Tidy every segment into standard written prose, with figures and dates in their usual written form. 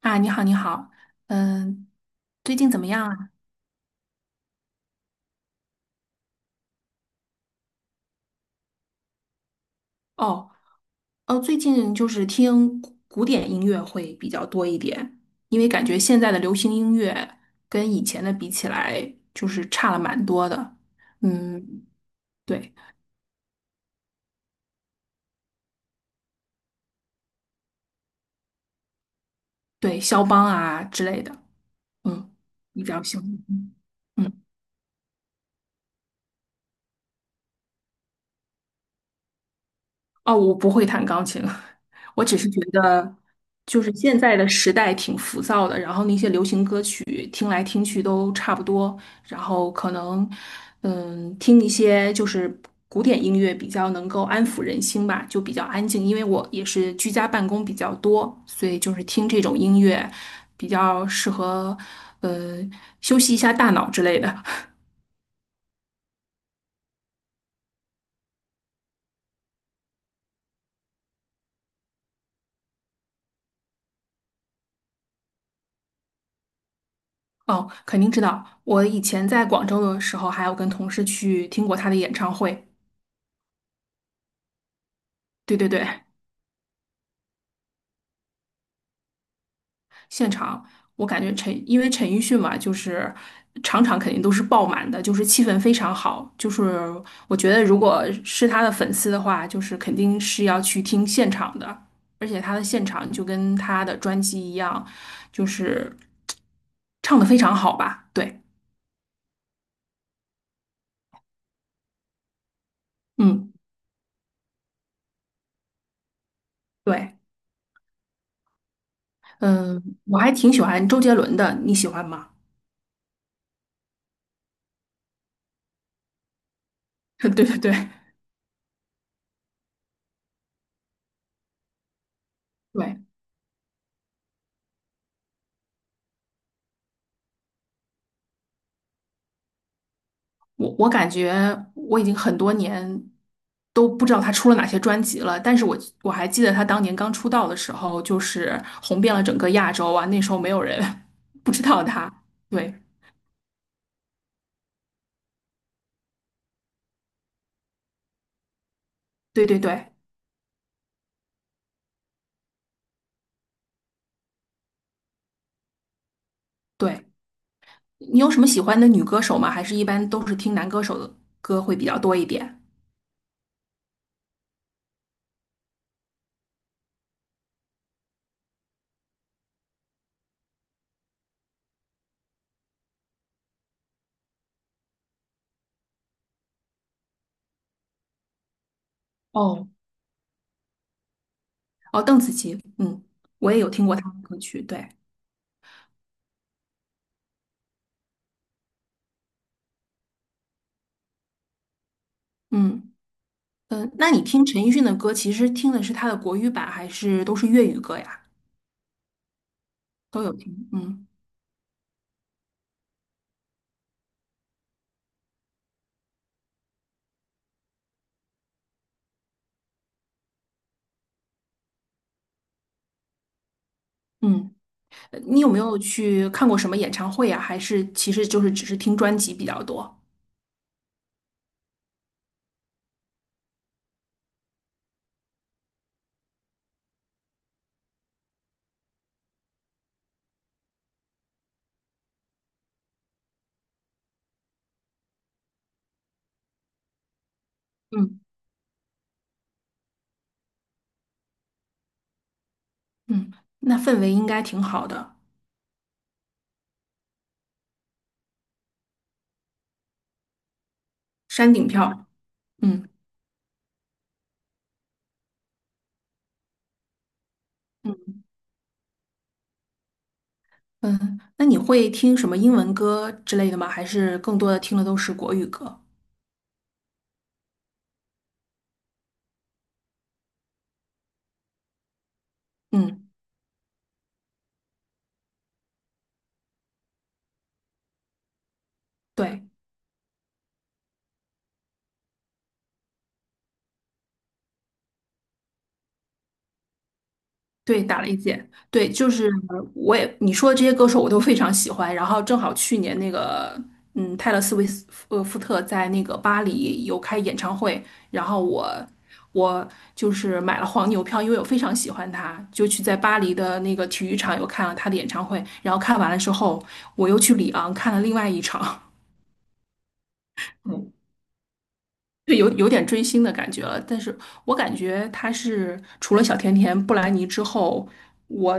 啊，你好，你好，嗯，最近怎么样啊？哦，哦，最近就是听古典音乐会比较多一点，因为感觉现在的流行音乐跟以前的比起来，就是差了蛮多的。嗯，对对，肖邦啊之类的，嗯，你比较喜欢。嗯，嗯哦，我不会弹钢琴，了。我只是觉得，就是现在的时代挺浮躁的，然后那些流行歌曲听来听去都差不多，然后可能，嗯，听一些就是古典音乐比较能够安抚人心吧，就比较安静。因为我也是居家办公比较多，所以就是听这种音乐比较适合，呃，休息一下大脑之类的。哦，肯定知道，我以前在广州的时候，还有跟同事去听过他的演唱会。对对对。现场，我感觉因为陈奕迅嘛，就是场场肯定都是爆满的，就是气氛非常好。就是我觉得，如果是他的粉丝的话，就是肯定是要去听现场的，而且他的现场就跟他的专辑一样，就是唱的非常好吧？对，嗯，对，嗯，我还挺喜欢周杰伦的，你喜欢吗？对对对对。我感觉我已经很多年都不知道他出了哪些专辑了，但是我还记得他当年刚出道的时候，就是红遍了整个亚洲啊，那时候没有人 不知道他。对对对对对，你有什么喜欢的女歌手吗？还是一般都是听男歌手的歌会比较多一点？哦哦，邓紫棋，嗯，我也有听过她的歌曲，对，嗯嗯，那你听陈奕迅的歌，其实听的是他的国语版，还是都是粤语歌呀？都有听，嗯嗯。你有没有去看过什么演唱会啊？还是其实就是只是听专辑比较多？嗯嗯，那氛围应该挺好的，山顶票。嗯嗯嗯，那你会听什么英文歌之类的吗？还是更多的听的都是国语歌？嗯，对。对，打了一届。对，就是我也你说的这些歌手我都非常喜欢。然后正好去年那个，嗯，泰勒·斯威夫福特在那个巴黎有开演唱会，然后我就是买了黄牛票，因为我非常喜欢他，就去在巴黎的那个体育场又看了他的演唱会。然后看完了之后，我又去里昂看了另外一场。对，有点追星的感觉了，但是我感觉他是除了小甜甜、布兰妮之后，我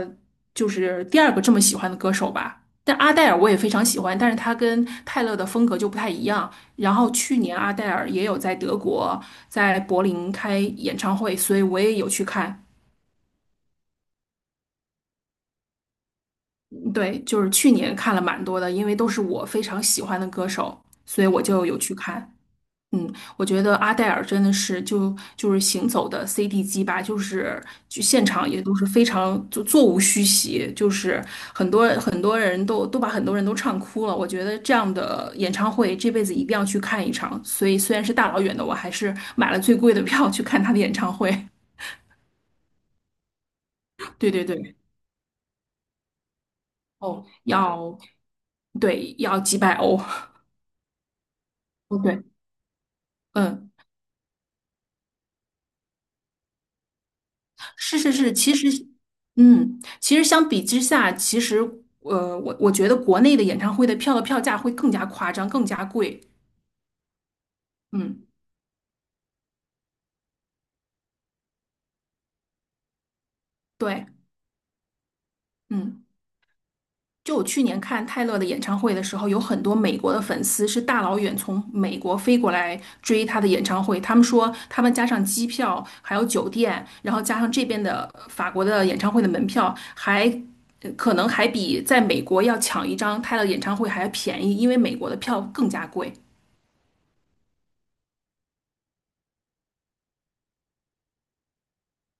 就是第二个这么喜欢的歌手吧。但阿黛尔我也非常喜欢，但是他跟泰勒的风格就不太一样。然后去年阿黛尔也有在德国在柏林开演唱会，所以我也有去看。嗯对，就是去年看了蛮多的，因为都是我非常喜欢的歌手，所以我就有去看。嗯，我觉得阿黛尔真的是就是行走的 CD 机吧，就是就现场也都是非常就座无虚席，就是很多很多人都把很多人都唱哭了。我觉得这样的演唱会这辈子一定要去看一场，所以虽然是大老远的，我还是买了最贵的票去看他的演唱会。对对对，哦，要对要几百欧。哦，对，嗯。是是是，其实，嗯，其实相比之下，其实，我觉得国内的演唱会的票的票价会更加夸张，更加贵。嗯，对，嗯，就我去年看泰勒的演唱会的时候，有很多美国的粉丝是大老远从美国飞过来追他的演唱会。他们说，他们加上机票，还有酒店，然后加上这边的法国的演唱会的门票，还可能还比在美国要抢一张泰勒演唱会还要便宜，因为美国的票更加贵。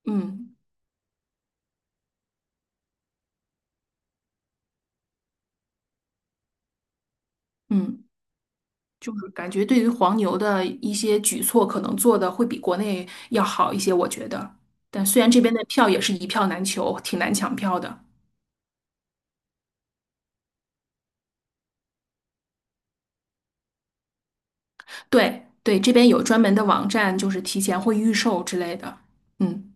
嗯嗯，就是感觉对于黄牛的一些举措，可能做的会比国内要好一些，我觉得。但虽然这边的票也是一票难求，挺难抢票的。对对，这边有专门的网站，就是提前会预售之类的。嗯。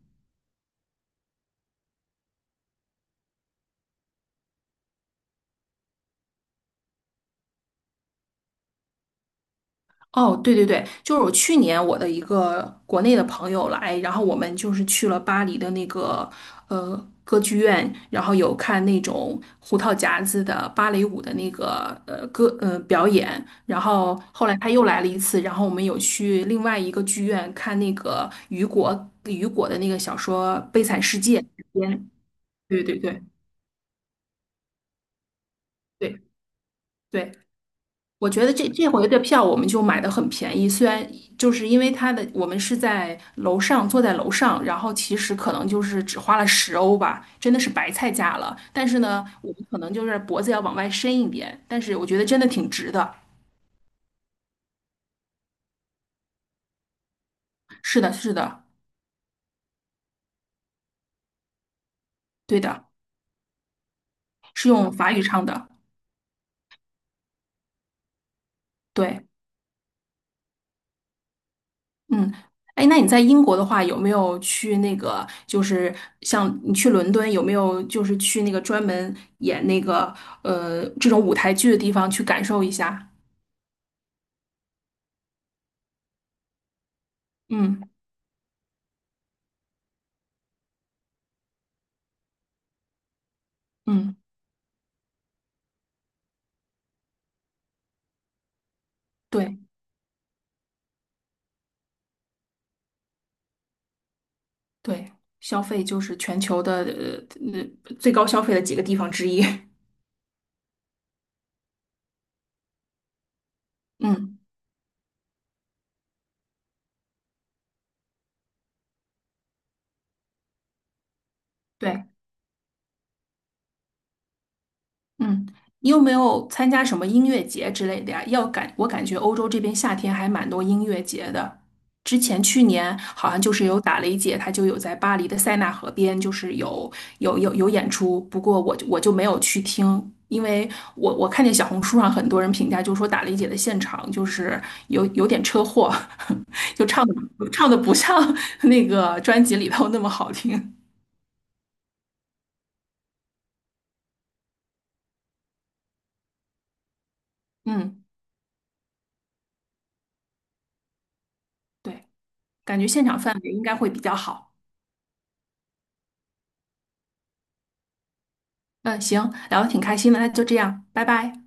哦，对对对，就是我去年我的一个国内的朋友来，然后我们就是去了巴黎的那个呃歌剧院，然后有看那种胡桃夹子的芭蕾舞的那个歌表演，然后后来他又来了一次，然后我们有去另外一个剧院看那个雨果的那个小说《悲惨世界》边。对对对对对，我觉得这回的票我们就买的很便宜，虽然就是因为它的我们是在楼上坐在楼上，然后其实可能就是只花了10欧吧，真的是白菜价了。但是呢，我们可能就是脖子要往外伸一点，但是我觉得真的挺值的。是的，是的，对的，是用法语唱的。对，嗯，哎，那你在英国的话，有没有去那个就是像你去伦敦，有没有就是去那个专门演那个这种舞台剧的地方去感受一下？嗯嗯，对对，消费就是全球的最高消费的几个地方之一。嗯，对，嗯，你有没有参加什么音乐节之类的呀？我感觉欧洲这边夏天还蛮多音乐节的。之前去年好像就是有打雷姐，她就有在巴黎的塞纳河边，就是有演出。不过我就没有去听，因为我看见小红书上很多人评价，就说打雷姐的现场就是有点车祸，就唱的不像 那个专辑里头那么好听。嗯，对，感觉现场氛围应该会比较好。嗯，行，聊的挺开心的，那就这样，拜拜。